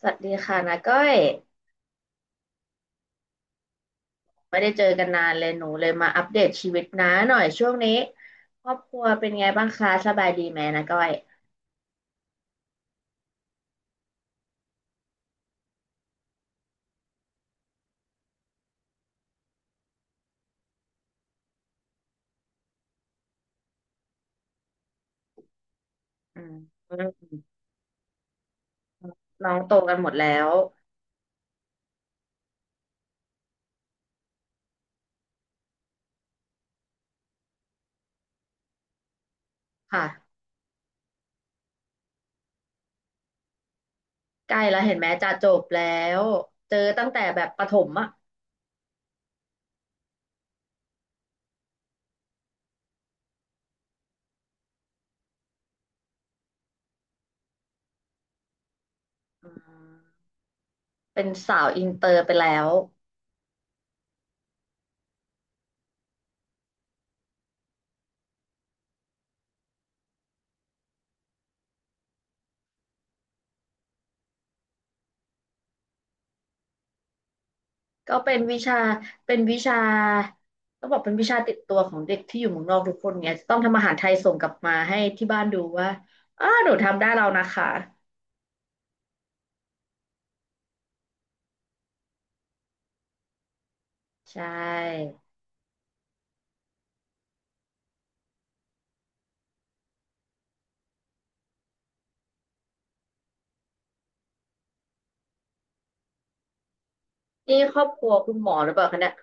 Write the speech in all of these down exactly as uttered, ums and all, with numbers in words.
สวัสดีค่ะนาก้อยไม่ได้เจอกันนานเลยหนูเลยมาอัปเดตชีวิตน้าหน่อยช่วงนี้ครอบครัวเป็นไงบ้างคะสบายดีไหมนาก้อยอืมน้องโตกันหมดแล้วค่ะใกล้แล้วเห็นไหมจะจบแล้วเจอตั้งแต่แบบประถมอ่ะอืมเป็นสาวอินเตอร์ไปแล้วก็เป็นวิชาเป็นวิชาต้องบอกเป็นวิชาติดตัวของเด็กที่อยู่เมืองนอกทุกคนเนี่ยจะต้องทำอาหารไทยส่งกลับมาให้ที่บ้านดูว่าอ้าหนูทำได้แล้วนะคะ ใช่นี่ครอบครัวคุณหมอหรือเปล่าคะเนี่ย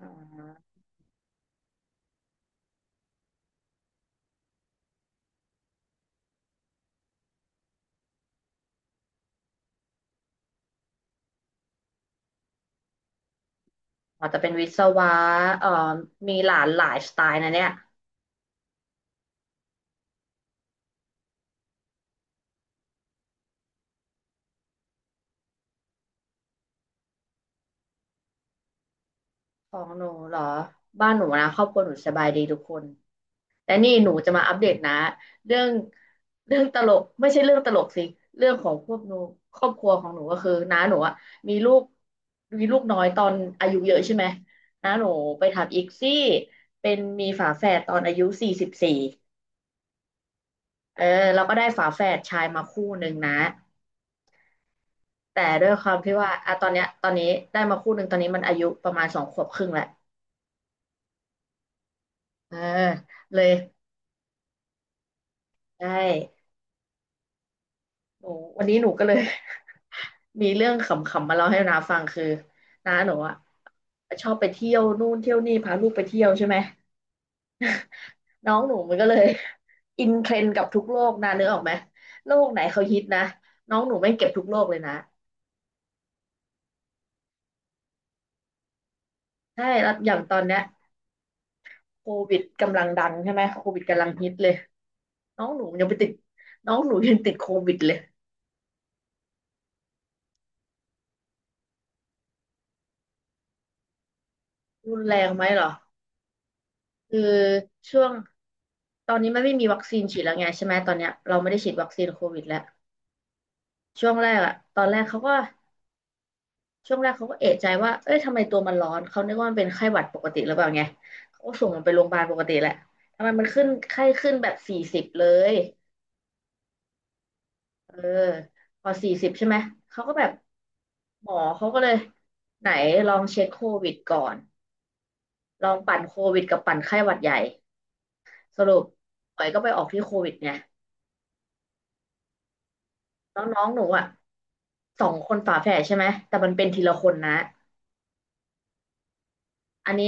อ๋อหมอจะเป็นวิศวะเอ่อมีหลานหลายสไตล์นะเนี่ยของหนูเหรอบ้านหนูนะครอบครัวหนูสบายดีทุกคนแต่นี่หนูจะมาอัปเดตนะเรื่องเรื่องตลกไม่ใช่เรื่องตลกสิเรื่องของพวกหนูครอบครัวของหนูก็คือน้าหนูอะมีลูกมีลูกน้อยตอนอายุเยอะใช่ไหมน้าหนูไปทำอีกซี่เป็นมีฝาแฝดตอนอายุสี่สิบสี่เออเราก็ได้ฝาแฝดชายมาคู่หนึ่งนะ แต่ด้วยความที่ว่าอ่ะตอนเนี้ยตอนนี้ได้มาคู่หนึ่งตอนนี้มันอายุประมาณสองขวบครึ่งแหละเออเลยได้หนูวันนี้หนูก็เลย มีเรื่องขำๆมาเล่าให้นาฟังคือน้าหนูอ่ะชอบไปเที่ยวนู่นเที่ยวนี่พาลูกไปเที่ยวใช่ไหมน้องหนูมันก็เลย อินเทรนด์กับทุกโลกนานึกออกไหมโลกไหนเขาฮิตนะน้องหนูไม่งเก็บทุกโลกเลยนะใช่แล้วอย่างตอนเนี้ยโควิดกำลังดังใช่ไหมโควิดกำลังฮิตเลยน้องหนูมันยังไปติดน้องหนูยังติดโควิดเลย รุนแรงไหมเหรอคือช่วงตอนนี้มันไม่มีวัคซีนฉีดแล้วไงใช่ไหมตอนเนี้ยเราไม่ได้ฉีดวัคซีนโควิดแล้วช่วงแรกอะตอนแรกเขาก็ช่วงแรกเขาก็เอะใจว่าเอ้ยทำไมตัวมันร้อนเขานึกว่ามันเป็นไข้หวัดปกติหรือเปล่าไงเขาก็ส่งมันไปโรงพยาบาลปกติแหละทำไมมันขึ้นไข้ขึ้นแบบสี่สิบเลยเออพอสี่สิบใช่ไหมเขาก็แบบหมอเขาก็เลยไหนลองเช็คโควิดก่อนลองปั่นโควิดกับปั่นไข้หวัดใหญ่สรุปหมอยก็ไปออกที่โควิดไง แล้วน้องหนูอ่ะสองคนฝาแฝดใช่ไหมแต่มันเป็นทีละคนนะอันนี้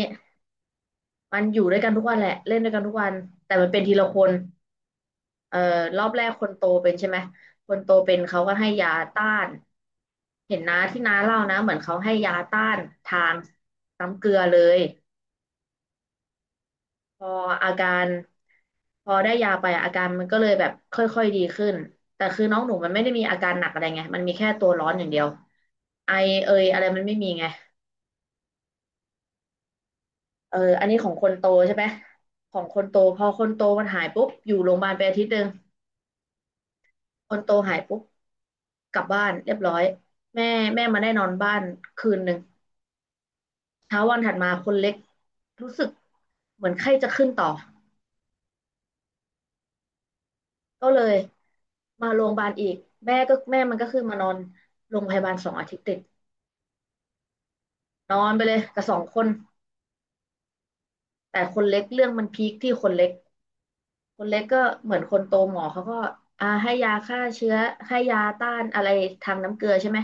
มันอยู่ด้วยกันทุกวันแหละเล่นด้วยกันทุกวันแต่มันเป็นทีละคนเอ่อรอบแรกคนโตเป็นใช่ไหมคนโตเป็นเขาก็ให้ยาต้านเห็นนะที่น้าเล่านะเหมือนเขาให้ยาต้านทางน้ำเกลือเลยพออาการพอได้ยาไปอะอาการมันก็เลยแบบค่อยๆดีขึ้นแต่คือน้องหนูมันไม่ได้มีอาการหนักอะไรไงมันมีแค่ตัวร้อนอย่างเดียวไอเอยอะไรมันไม่มีไง เอออันนี้ของคนโตใช่ไหมของคนโตพอคนโตมันหายปุ๊บอยู่โรงพยาบาลไปอาทิตย์หนึ่งคนโตหายปุ๊บกลับบ้านเรียบร้อย แม่แม่มาได้นอนบ้านคืนหนึ่งเช้าวันถัดมาคนเล็กรู้สึกเหมือนไข้จะขึ้นต่อ ก็เลยมาโรงพยาบาลอีกแม่ก็แม่มันก็คือมานอนโรงพยาบาลสองอาทิตย์ติดนอนไปเลยกับสองคนแต่คนเล็กเรื่องมันพีคที่คนเล็ก คนเล็กก็เหมือนคนโตหมอเขาก็อ่าให้ยาฆ่าเชื้อให้ยาต้านอะไรทางน้ำเกลือใช่ไหม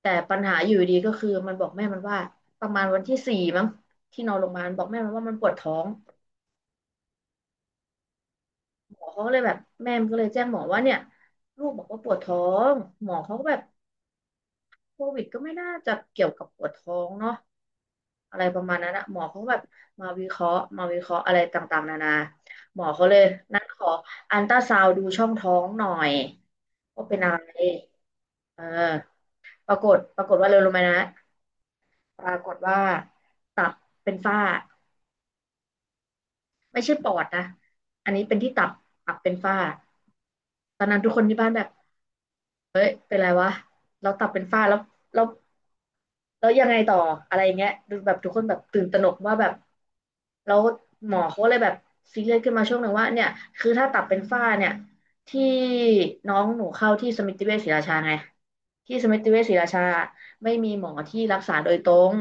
แต่ปัญหาอยู่ดีก็คือมันบอกแม่มันว่าประมาณวันที่สี่มั้งที่นอนโรงพยาบาลบอกแม่มันว่ามันปวดท้องหมอเขาก็เลยแบบแม่มันก็เลยแจ้งหมอว่าเนี่ยลูกบอกว่าปวดท้องหมอเขาก็แบบโควิดก็ไม่น่าจะเกี่ยวกับปวดท้องเนาะอะไรประมาณนั้นอะหมอเขาก็แบบมาวิเคราะห์มาวิเคราะห์อะไรต่างๆนานาหมอเขาเลยนั่นขออัลตราซาวด์ดูช่องท้องหน่อยว่าเป็นอะไร อ่าปรากฏปรากฏว่าเร็วลงมานะปรากฏว่าตับเป็นฝ้าไม่ใช่ปอดนะอันนี้เป็นที่ตับตับเป็นฝ้าตอนนั้นทุกคนที่บ้านแบบเป็นไรวะเราตับเป็นฝ้าแล้วแล้วแล้วยังไงต่ออะไรอย่างเงี้ยดูแบบทุกคนแบบตื่นตระหนกว่าแบบแล้วหมอเขาเลยแบบซีเรียสขึ้นมาช่วงหนึ่งว่าเนี่ยคือถ้าตับเป็นฝ้าเนี่ยที่น้องหนูเข้าที่สมิติเวชศรีราชาไงที่สมิติเวชศรีราชาไม่มีหมอที่รักษาโดยตรง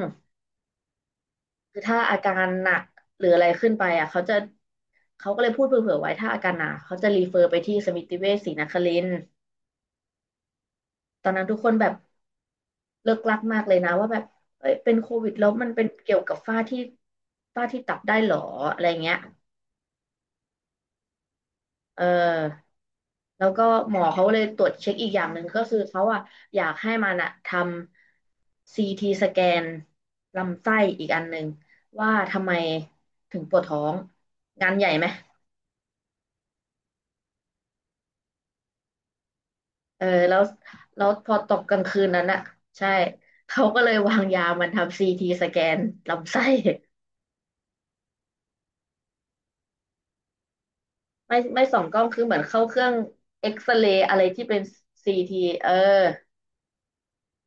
คือถ้าอาการหนักหรืออะไรขึ้นไปอ่ะเขาจะเขาก็เลยพูดเผื่อๆไว้ถ้าอาการหนักเขาจะรีเฟอร์ไปที่สมิติเวชศรีนครินทร์ตอนนั้นทุกคนแบบเลิกลักมากเลยนะว่าแบบเอ้ยเป็นโควิดแล้วมันเป็นเกี่ยวกับฝ้าที่ฝ้าที่ตับได้หรออะไรเงี้ยเออแล้วก็หมอเขาเลยตรวจเช็คอีกอย่างหนึ่งก็คือเขาอ่ะอยากให้มันอะทำซีทีสแกนลำไส้อีกอันหนึ่งว่าทำไมถึงปวดท้องงานใหญ่ไหม เออแล้วแล้วพอตกกลางคืนนั้นอ่ะใช่เขาก็เลยวางยามันทำซีทีสแกนลำไส้ไม่ไม่ส่องกล้องคือเหมือนเข้าเครื่องเอ็กซเรย์อะไรที่เป็นซีทีเออ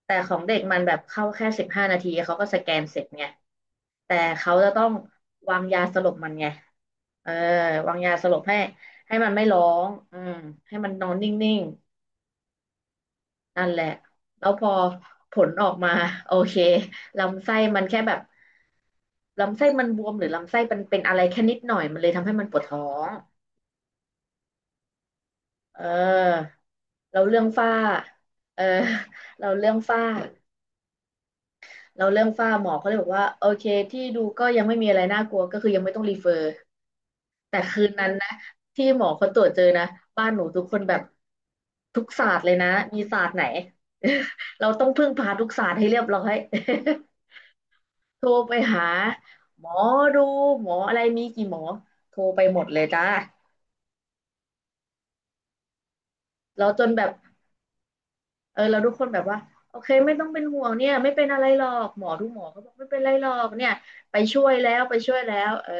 แต่ของเด็กมันแบบเข้าแค่สิบห้านาทีเขาก็สแกนเสร็จไงแต่เขาจะต้องวางยาสลบมันไงเออวางยาสลบให้ให้มันไม่ร้องอืมให้มันนอนนิ่งๆนั่นแหละแล้วพอผลออกมาโอเคลำไส้มันแค่แบบ ลำไส้มันบวมหรือลำไส้มันเป็นอะไรแค่นิดหน่อยมันเลยทำให้มันปวดท้องเออเราเรื่องฝ้าเออ เราเรื่องฝ้า เราเรื่องฝ้าหมอเขาเลยบอกว่าโอเคที่ดูก็ยังไม่มีอะไรน่ากลัวก็คือยังไม่ต้องรีเฟอร์แต่คืนนั้นนะที่หมอเขาตรวจเจอนะบ้านหนูทุกคนแบบทุกศาสตร์เลยนะมีศาสตร์ไหน เราต้องพึ่งพาทุกศาสตร์ให้เรียบร้อย โทรไปหาหมอดูหมออะไรมีกี่หมอโทรไปหมดเลยจ้า เราจนแบบเออเราทุกคนแบบว่าโอเคไม่ต้องเป็นห่วงเนี่ยไม่เป็นอะไรหรอกหมอทุกหมอเขาบอกไม่เป็นไรหรอกเนี่ยไปช่วยแล้วไปช่วยแล้วเออ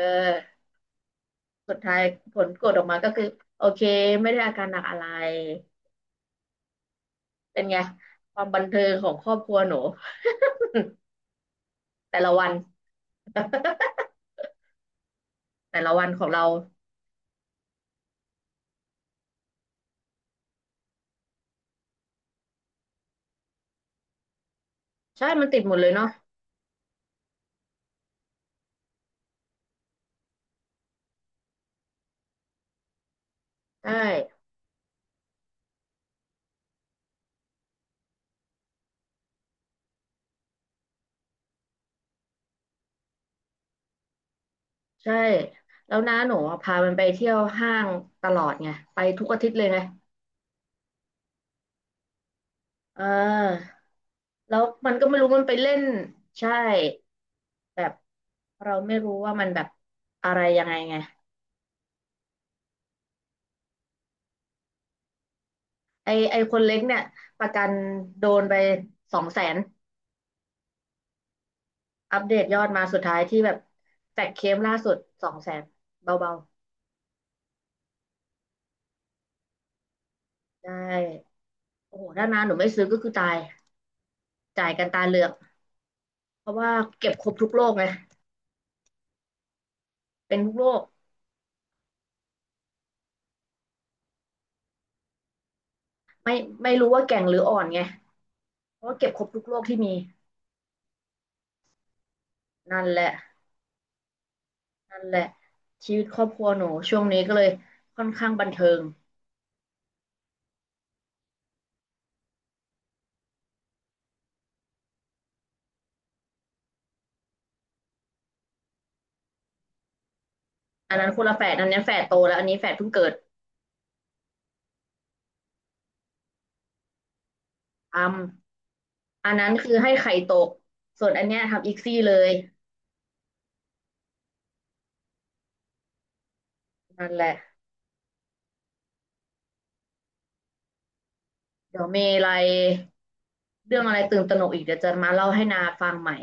สุดท้ายผลกดออกมาก็คือโอเคไม่ได้อาการหนักอะไรเป็นไงความบันเทิงของครอบครัวหนูแต่ละวันแต่ละวันของเราใช่มันติดหมดเลยเนาะใช่ใช่แล้วน้าหนูอะพามันไปเที่ยวห้างตลอดไงไปทุกอาทิตย์เลยไงเออแล้วมันก็ไม่รู้มันไปเล่นใช่ แบบเราไม่รู้ว่ามันแบบอะไรยังไงไงไอไอคนเล็กเนี่ยประกันโดนไปสองแสนอัปเดตยอดมาสุดท้ายที่แบบแจกเคมล่าสุดสองแสนเบาๆได้โอ้โหถ้านาหนูไม่ซื้อก็คือตายจ่ายกันตาเหลือกเพราะว่าเก็บครบทุกโรคไงเป็นทุกโรคไม่ไม่รู้ว่าแก่งหรืออ่อนไงเพราะว่าเก็บครบทุกโรคที่มีนั่นแหละนั่นแหละชีวิตครอบครัวหนูช่วงนี้ก็เลยค่อนข้างบันเทิงอันนั้นคนละแฝดอันนี้แฝดโตแล้วอันนี้แฝดเพิ่งเกิด ทำอันนั้นคือให้ไข่ตก ส่วนอันเนี้ยทำอีกซี่เลยนั่นแหละเดี๋ยวเมีอะไรเรื่องอะไรตื่นตระหนกอีกเดี๋ยวจะมาเล่าให้นาฟังใหม่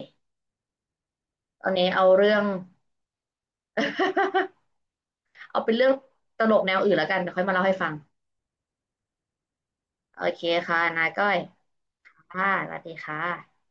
ตอนนี้เอาเรื่อง เอาเป็นเรื่องตลกแนวอื่นแล้วกันเดี๋ยวค่อยมาเล่าให้ฟังโอเคค่ะนาก้อยค่ะสวัสดีค่ะ